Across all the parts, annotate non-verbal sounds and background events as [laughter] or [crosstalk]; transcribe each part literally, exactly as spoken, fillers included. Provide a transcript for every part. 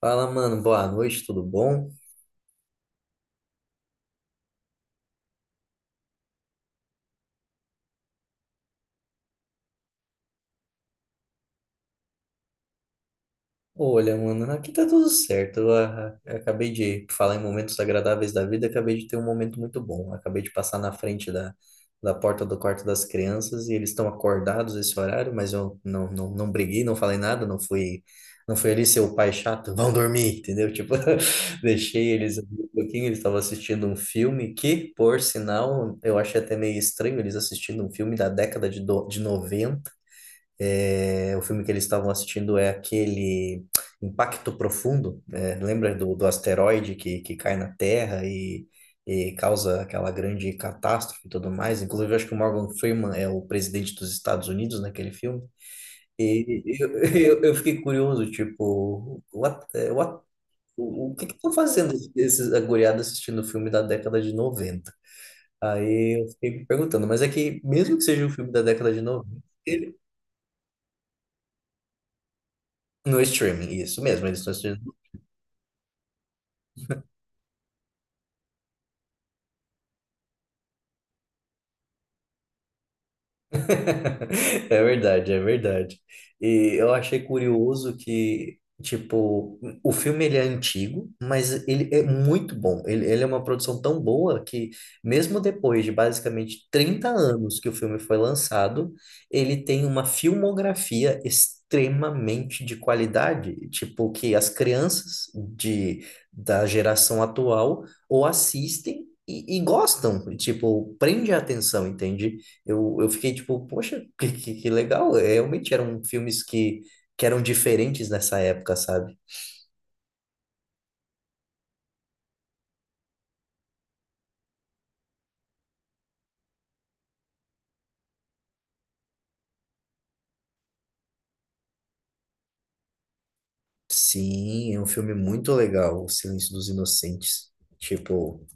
Fala, mano, boa noite, tudo bom? Olha, mano, aqui tá tudo certo. Eu, ah, eu acabei de falar em momentos agradáveis da vida, acabei de ter um momento muito bom. Acabei de passar na frente da, da porta do quarto das crianças e eles estão acordados esse horário, mas eu não, não, não briguei, não falei nada, não fui, não fui ali ser o pai chato, vão dormir, entendeu? Tipo, [laughs] deixei eles ali um pouquinho, eles estavam assistindo um filme que, por sinal, eu achei até meio estranho eles assistindo um filme da década de, do, de noventa. É, o filme que eles estavam assistindo é aquele Impacto Profundo, né? Lembra do, do asteroide que, que cai na Terra e, e causa aquela grande catástrofe e tudo mais? Inclusive, eu acho que o Morgan Freeman é o presidente dos Estados Unidos naquele filme. E e eu, [laughs] eu, eu fiquei curioso, tipo, what, eh, what, o, o que que estão fazendo esses aguriados assistindo o filme da década de noventa. Aí eu fiquei me perguntando, mas é que mesmo que seja um filme da década de noventa. No streaming, isso mesmo, eles estão. [laughs] É verdade, é verdade. E eu achei curioso que, tipo, o filme ele é antigo, mas ele é muito bom. Ele, ele é uma produção tão boa que, mesmo depois de basicamente trinta anos que o filme foi lançado, ele tem uma filmografia extremamente de qualidade, tipo, que as crianças de, da geração atual ou assistem. E, e gostam, tipo, prende a atenção, entende? Eu, eu fiquei tipo, poxa, que, que, que legal. É, realmente eram filmes que, que eram diferentes nessa época, sabe? Sim, é um filme muito legal, O Silêncio dos Inocentes. Tipo,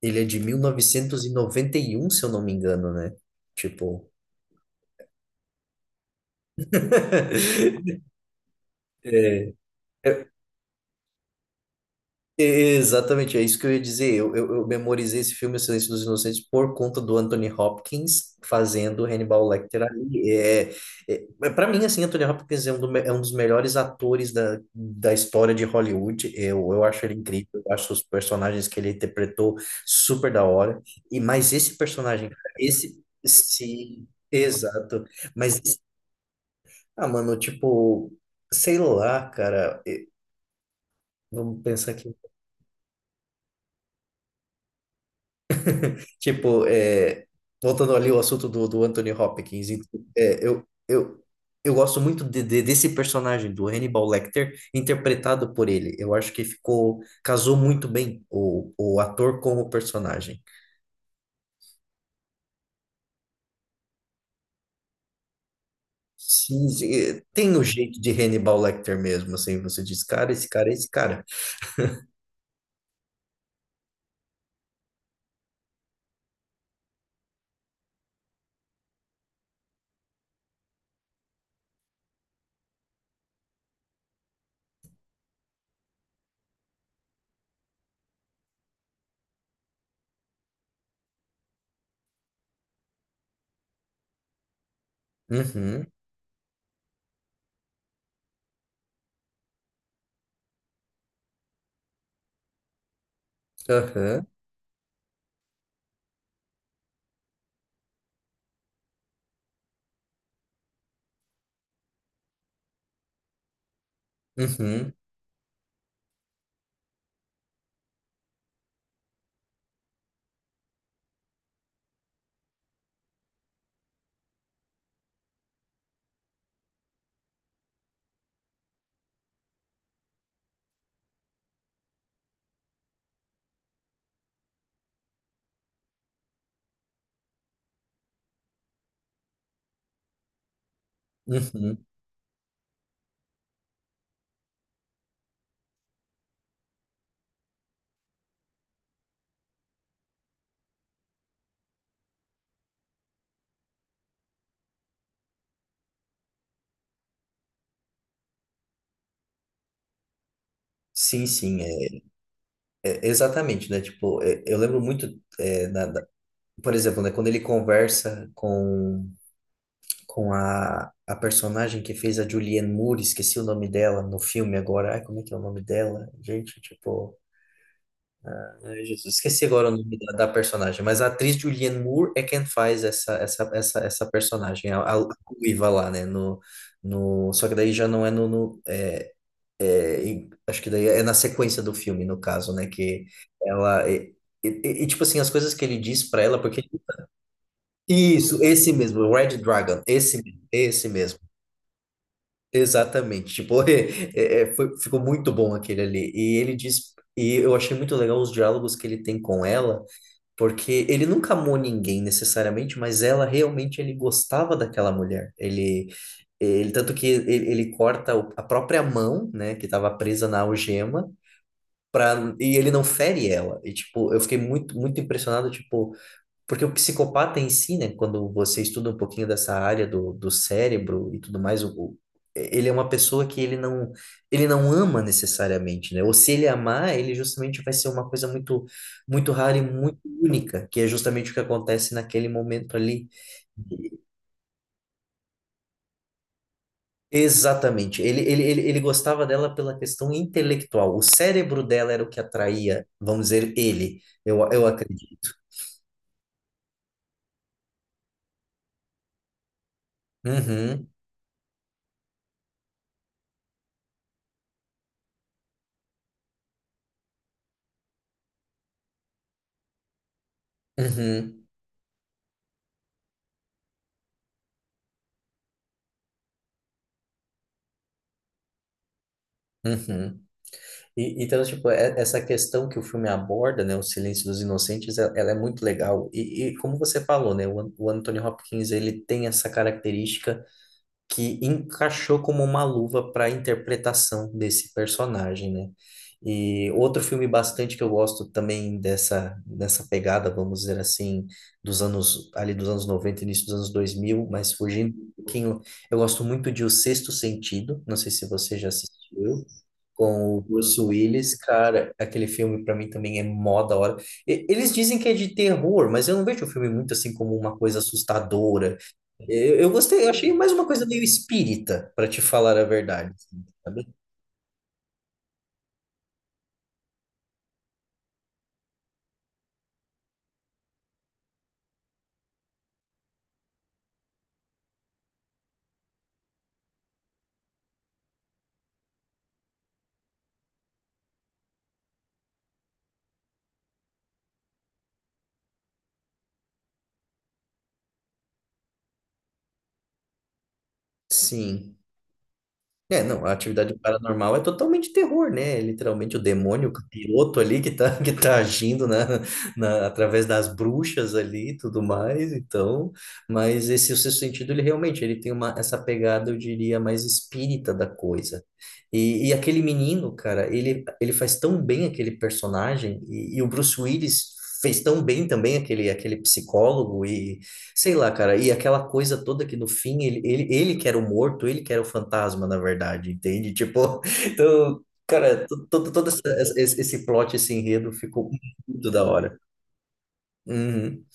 ele é de mil novecentos e e noventa e um, se eu não me engano, né? Tipo, [laughs] é, exatamente, é isso que eu ia dizer. Eu, eu, eu memorizei esse filme, O Silêncio dos Inocentes, por conta do Anthony Hopkins fazendo Hannibal Lecter ali. É, é, é, para mim, assim, Anthony Hopkins é um, do me- é um dos melhores atores da, da história de Hollywood. Eu, eu acho ele incrível, eu acho os personagens que ele interpretou super da hora. E, mas esse personagem, cara, esse. Sim, exato. Mas, ah, mano, tipo, sei lá, cara. eh, Vamos pensar aqui. Tipo, é, voltando ali ao assunto do, do Anthony Hopkins, e, é, eu, eu, eu gosto muito de de- desse personagem, do Hannibal Lecter, interpretado por ele. Eu acho que ficou, casou muito bem o, o ator com o personagem. Sim, sim, é, tem o jeito de Hannibal Lecter mesmo, assim, você diz, cara, esse cara é esse cara. Uhum, aham, uhum, uhum. Sim, sim, é, é, exatamente, né? Tipo, é, eu lembro muito, é, da- da- por exemplo, né, quando ele conversa com com a, a personagem que fez a Julianne Moore, esqueci o nome dela no filme agora. Ai, como é que é o nome dela? Gente, tipo, ai, Jesus, esqueci agora o nome da, da personagem, mas a atriz Julianne Moore é quem faz essa essa essa, essa personagem, a, a ruiva lá, né, no no só que daí já não é no, no é, em- acho que daí é na sequência do filme, no caso, né, que ela e, e- e, tipo assim, as coisas que ele diz pra ela, porque isso, esse mesmo, Red Dragon, esse, mesmo, esse mesmo. Exatamente, tipo, [laughs] é- é- é, foi- ficou muito bom aquele ali. E ele diz, e eu achei muito legal os diálogos que ele tem com ela, porque ele nunca amou ninguém necessariamente, mas ela realmente ele gostava daquela mulher. Ele, ele tanto que ele, ele corta o- a própria mão, né, que estava presa na algema, pra, e ele não fere ela. E tipo, eu fiquei muito, muito impressionado, tipo porque o psicopata em si, né, quando você estuda um pouquinho dessa área do, do cérebro e tudo mais, o, o- ele é uma pessoa que ele não, ele não ama necessariamente, né? Ou se ele amar, ele justamente vai ser uma coisa muito, muito rara e muito única, que é justamente o que acontece naquele momento ali. Exatamente. Ele, ele, ele, ele gostava dela pela questão intelectual. O cérebro dela era o que atraía, vamos dizer, ele. Eu, eu acredito. Uhum, uhum, uhum. E, então, tipo, é- essa questão que o filme aborda, né, o Silêncio dos Inocentes, ela, ela é muito legal. E, e como você falou, né, o, An- o Anthony Hopkins, ele tem essa característica que encaixou como uma luva para a interpretação desse personagem, né? E outro filme bastante que eu gosto também dessa, dessa pegada, vamos dizer assim, dos anos, ali dos anos noventa, início dos anos dois mil, mas fugindo um pouquinho, eu gosto muito de O Sexto Sentido, não sei se você já assistiu, com o Bruce Willis, cara, aquele filme para mim também é mó da hora. E- Eles dizem que é de terror, mas eu não vejo o filme muito assim como uma coisa assustadora, eu, eu gostei, eu achei mais uma coisa meio espírita, para te falar a verdade, assim, sabe? Sim. É, não, a atividade paranormal é totalmente terror, né? É literalmente o demônio, o capiroto ali que tá, [laughs] que tá agindo na, na, através das bruxas ali e tudo mais, então, mas esse o sexto sentido, ele realmente, ele tem uma, essa pegada, eu diria, mais espírita da coisa. E, e aquele menino, cara, ele, ele faz tão bem aquele personagem, e, e o Bruce Willis fez tão bem também aquele, aquele psicólogo. Sei lá, cara, e aquela coisa toda que no fim ele, ele, ele que era o morto, ele que era o fantasma, na verdade, entende? Tipo, [laughs] então, cara, to- to- todo essa, esse, esse plot, esse enredo ficou muito da hora. Uhum.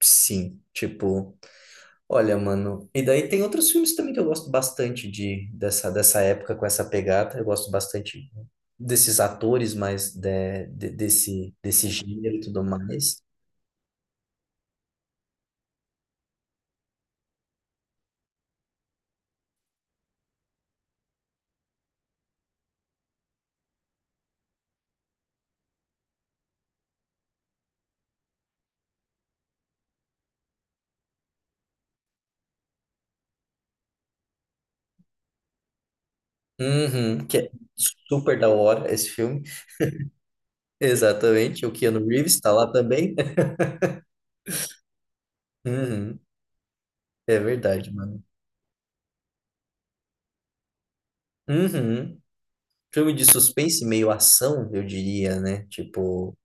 Sim, tipo, olha, mano. E daí tem outros filmes também que eu gosto bastante de dessa dessa época com essa pegada. Eu gosto bastante desses atores, mas de, de- desse, desse gênero e tudo mais. Uhum, que é super da hora esse filme. Exatamente, o Keanu Reeves está lá também. [laughs] Uhum, é verdade, mano. Uhum. Filme de suspense, meio ação, eu diria, né? Tipo,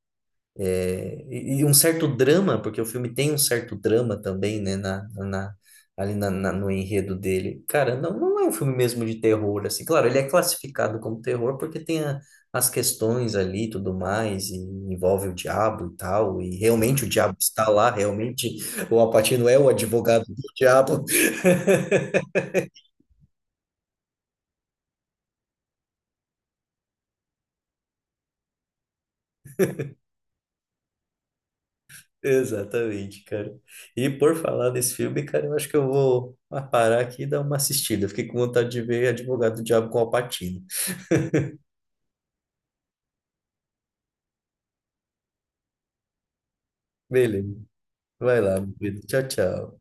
é, e, e um certo drama, porque o filme tem um certo drama também, né? Na, na, ali na, na- no enredo dele. Cara, não, não é um filme mesmo de terror, assim. Claro, ele é classificado como terror porque tem a- as questões ali e tudo mais, e envolve o diabo e tal, e realmente o diabo está lá, realmente o Al Pacino é o advogado do diabo. Exatamente, cara. E por falar nesse filme, cara, eu acho que eu vou ah, parar aqui e dar uma assistida. Fiquei com vontade de ver Advogado do Diabo com Al Pacino. Beleza, vai lá, meu querido. Tchau, tchau.